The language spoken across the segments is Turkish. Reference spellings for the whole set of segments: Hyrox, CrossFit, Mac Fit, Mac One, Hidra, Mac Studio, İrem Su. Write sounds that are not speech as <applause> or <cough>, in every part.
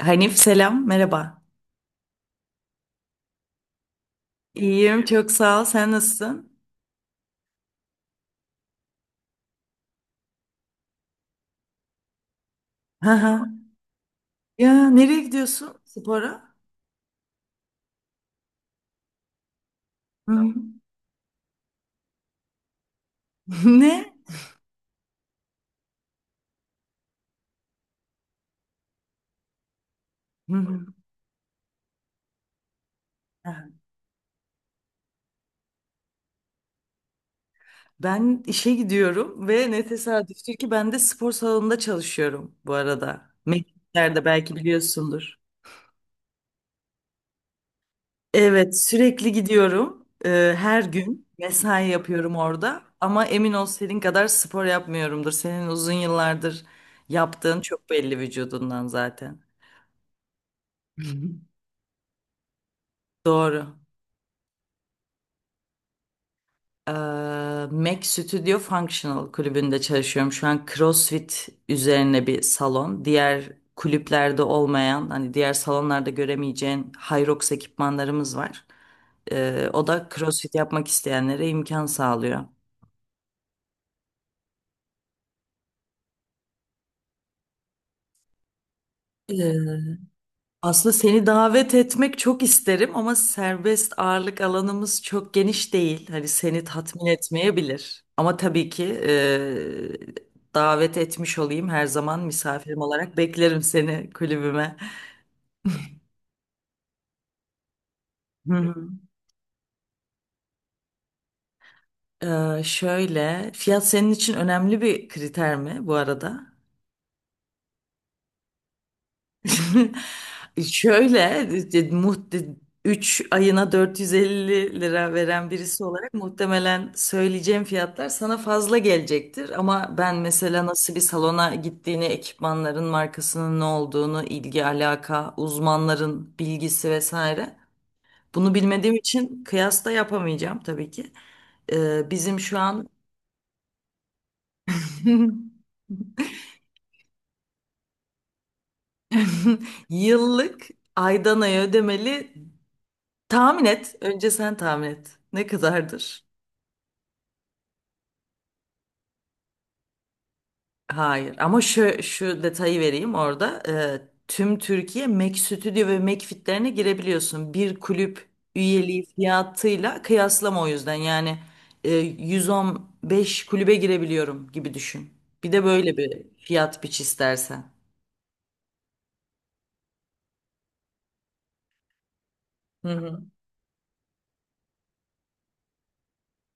Hanif selam, merhaba. İyiyim, çok sağ ol. Sen nasılsın? Hı hı. Ya nereye gidiyorsun spora? Hı hı. <laughs> Ne? Hı hı. Hı. Ben işe gidiyorum ve ne tesadüftür ki ben de spor salonunda çalışıyorum bu arada. Mekiklerde belki biliyorsundur. Evet, sürekli gidiyorum. Her gün mesai yapıyorum orada. Ama emin ol senin kadar spor yapmıyorumdur. Senin uzun yıllardır yaptığın çok belli vücudundan zaten. <laughs> Doğru. Eee, Mac Studio Functional kulübünde çalışıyorum. Şu an CrossFit üzerine bir salon. Diğer kulüplerde olmayan, hani diğer salonlarda göremeyeceğin Hyrox ekipmanlarımız var. O da CrossFit yapmak isteyenlere imkan sağlıyor. Aslında seni davet etmek çok isterim ama serbest ağırlık alanımız çok geniş değil. Hani seni tatmin etmeyebilir. Ama tabii ki davet etmiş olayım. Her zaman misafirim olarak beklerim seni kulübüme. Hı hı. Şöyle, fiyat senin için önemli bir kriter mi bu arada? <laughs> Şöyle e, muht 3 ayına 450 lira veren birisi olarak muhtemelen söyleyeceğim fiyatlar sana fazla gelecektir. Ama ben mesela nasıl bir salona gittiğini, ekipmanların markasının ne olduğunu, ilgi alaka, uzmanların bilgisi vesaire bunu bilmediğim için kıyas da yapamayacağım tabii ki. Bizim şu an <laughs> <laughs> yıllık, aydan aya ödemeli. Tahmin et. Önce sen tahmin et. Ne kadardır? Hayır. Ama şu detayı vereyim orada. Tüm Türkiye Mac Studio ve Mac Fit'lerine girebiliyorsun. Bir kulüp üyeliği fiyatıyla kıyaslama o yüzden. Yani 115 kulübe girebiliyorum gibi düşün. Bir de böyle bir fiyat biç istersen. Hı hı.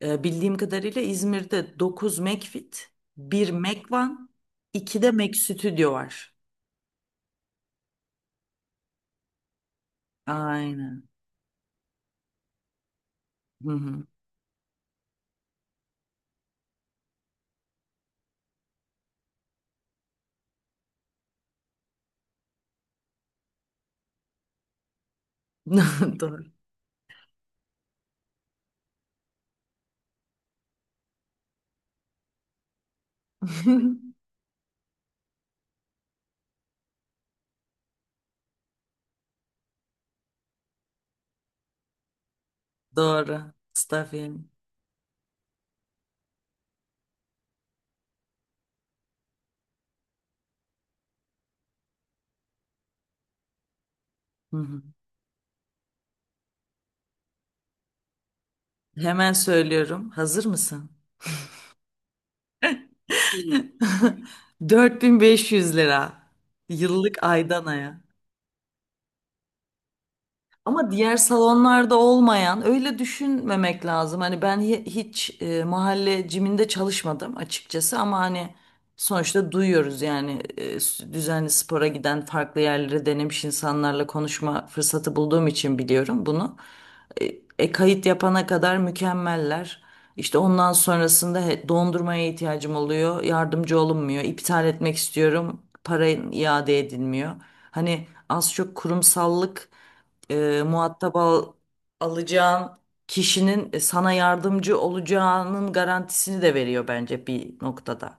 Bildiğim kadarıyla İzmir'de 9 Mac Fit, 1 Mac One, 2 de Mac Studio var. Aynen. Hı hı. <laughs> Doğru. <laughs> Doğru. Stafin. Hı hı. Hemen söylüyorum. Hazır mısın? <laughs> 4.500 lira. Yıllık, aydan aya. Ama diğer salonlarda olmayan öyle düşünmemek lazım. Hani ben hiç mahalle ciminde çalışmadım açıkçası ama hani sonuçta duyuyoruz yani düzenli spora giden farklı yerlere denemiş insanlarla konuşma fırsatı bulduğum için biliyorum bunu. E, kayıt yapana kadar mükemmeller. İşte ondan sonrasında dondurmaya ihtiyacım oluyor. Yardımcı olunmuyor. İptal etmek istiyorum. Para iade edilmiyor. Hani az çok kurumsallık muhatap alacağın kişinin sana yardımcı olacağının garantisini de veriyor bence bir noktada.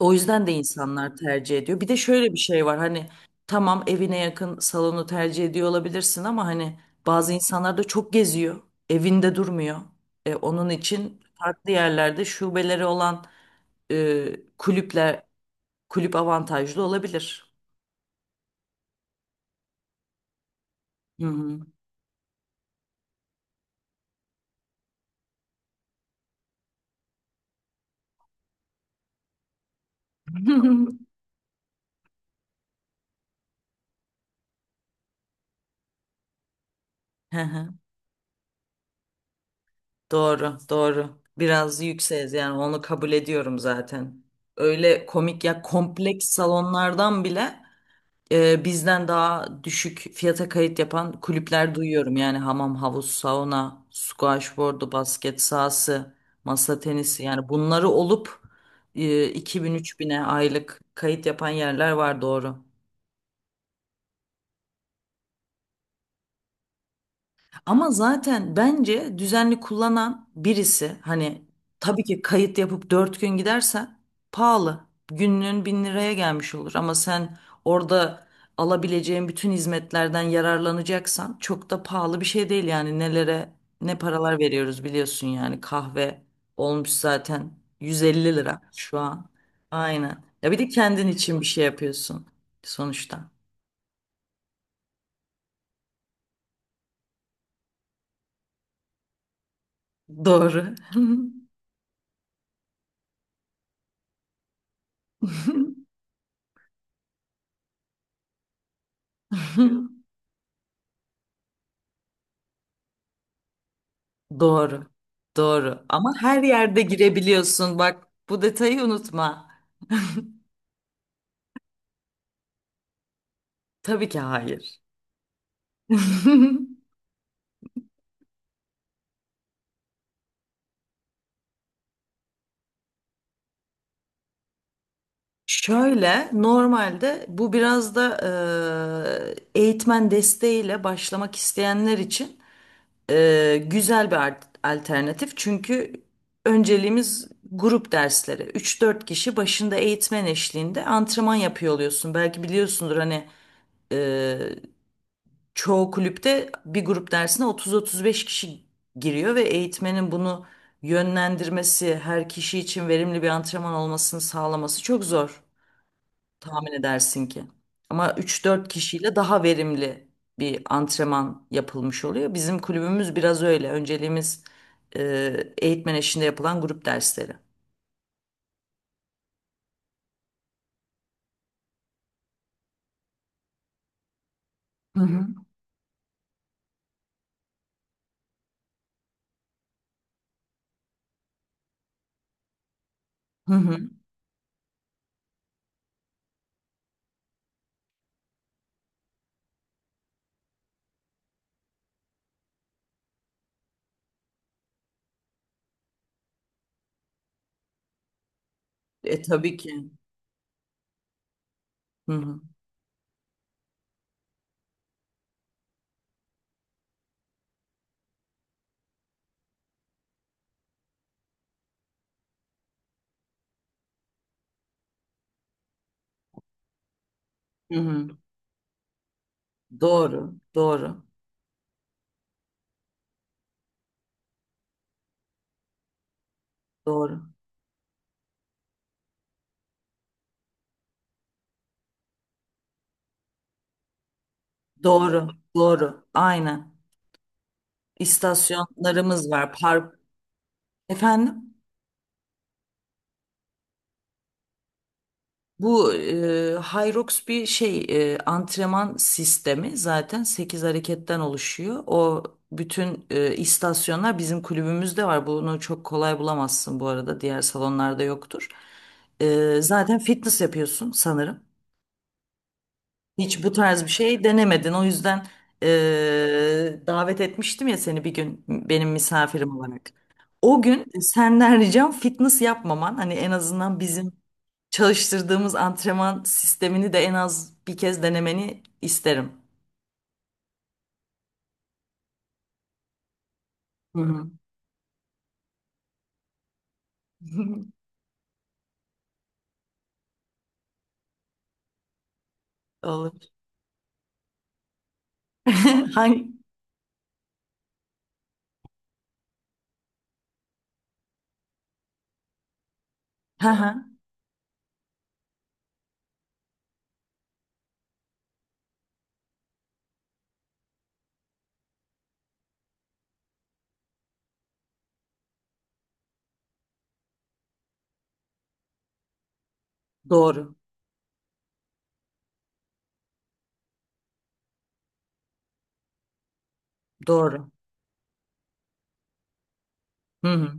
O yüzden de insanlar tercih ediyor. Bir de şöyle bir şey var hani tamam evine yakın salonu tercih ediyor olabilirsin ama hani bazı insanlar da çok geziyor. Evinde durmuyor. Onun için farklı yerlerde şubeleri olan e, kulüpler kulüp avantajlı olabilir. Hı hı. <laughs> Doğru, doğru. Biraz yükseğiz yani onu kabul ediyorum zaten. Öyle komik ya kompleks salonlardan bile bizden daha düşük fiyata kayıt yapan kulüpler duyuyorum. Yani hamam, havuz, sauna, squash boardu, basket sahası, masa tenisi yani bunları olup e, 2.000-3.000'e aylık kayıt yapan yerler var doğru. Ama zaten bence düzenli kullanan birisi hani tabii ki kayıt yapıp 4 gün gidersen pahalı. Günlüğün 1.000 liraya gelmiş olur ama sen orada alabileceğin bütün hizmetlerden yararlanacaksan çok da pahalı bir şey değil yani nelere ne paralar veriyoruz biliyorsun yani kahve olmuş zaten 150 lira şu an. Aynen. Ya bir de kendin için bir şey yapıyorsun sonuçta. Doğru. <laughs> Doğru. Doğru. Ama her yerde girebiliyorsun. Bak bu detayı unutma. Tabii ki hayır. <laughs> Şöyle normalde bu biraz da eğitmen desteğiyle başlamak isteyenler için güzel bir alternatif. Çünkü önceliğimiz grup dersleri. Üç dört kişi başında eğitmen eşliğinde antrenman yapıyor oluyorsun. Belki biliyorsundur hani çoğu kulüpte bir grup dersine 30-35 kişi giriyor ve eğitmenin bunu yönlendirmesi, her kişi için verimli bir antrenman olmasını sağlaması çok zor tahmin edersin ki. Ama üç dört kişiyle daha verimli bir antrenman yapılmış oluyor. Bizim kulübümüz biraz öyle. Önceliğimiz eğitmen eşliğinde yapılan grup dersleri. Hı hı. Hı hı. E tabii ki. Hı hı. Hı hı. Doğru, doğru, doğru, doğru, doğru. Aynen. istasyonlarımız var. Park. Efendim? Bu Hyrox bir şey, antrenman sistemi zaten 8 hareketten oluşuyor. O bütün istasyonlar bizim kulübümüzde var. Bunu çok kolay bulamazsın bu arada. Diğer salonlarda yoktur. Zaten fitness yapıyorsun sanırım. Hiç bu tarz bir şey denemedin. O yüzden davet etmiştim ya seni bir gün benim misafirim olarak. O gün senden ricam fitness yapmaman. Hani en azından bizim çalıştırdığımız antrenman sistemini de en az bir kez denemeni isterim. Hı hı. <laughs> Olur. <laughs> Hangi? Hı hı. Doğru. Doğru. Hı hı.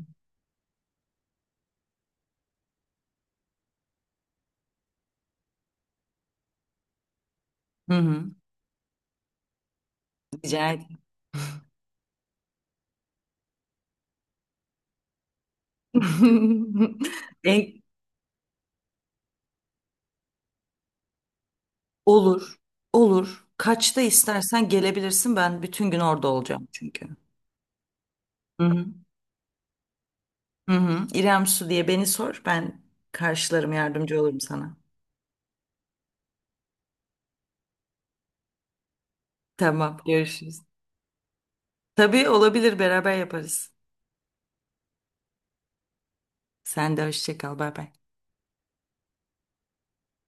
Hı hı. Rica ederim. <laughs> En- Olur, olur. Kaçta istersen gelebilirsin. Ben bütün gün orada olacağım çünkü. Hı hı. Hı hı. İrem Su diye beni sor. Ben karşılarım, yardımcı olurum sana. Tamam, görüşürüz. Tabii olabilir, beraber yaparız. Sen de hoşça kal, bay bay.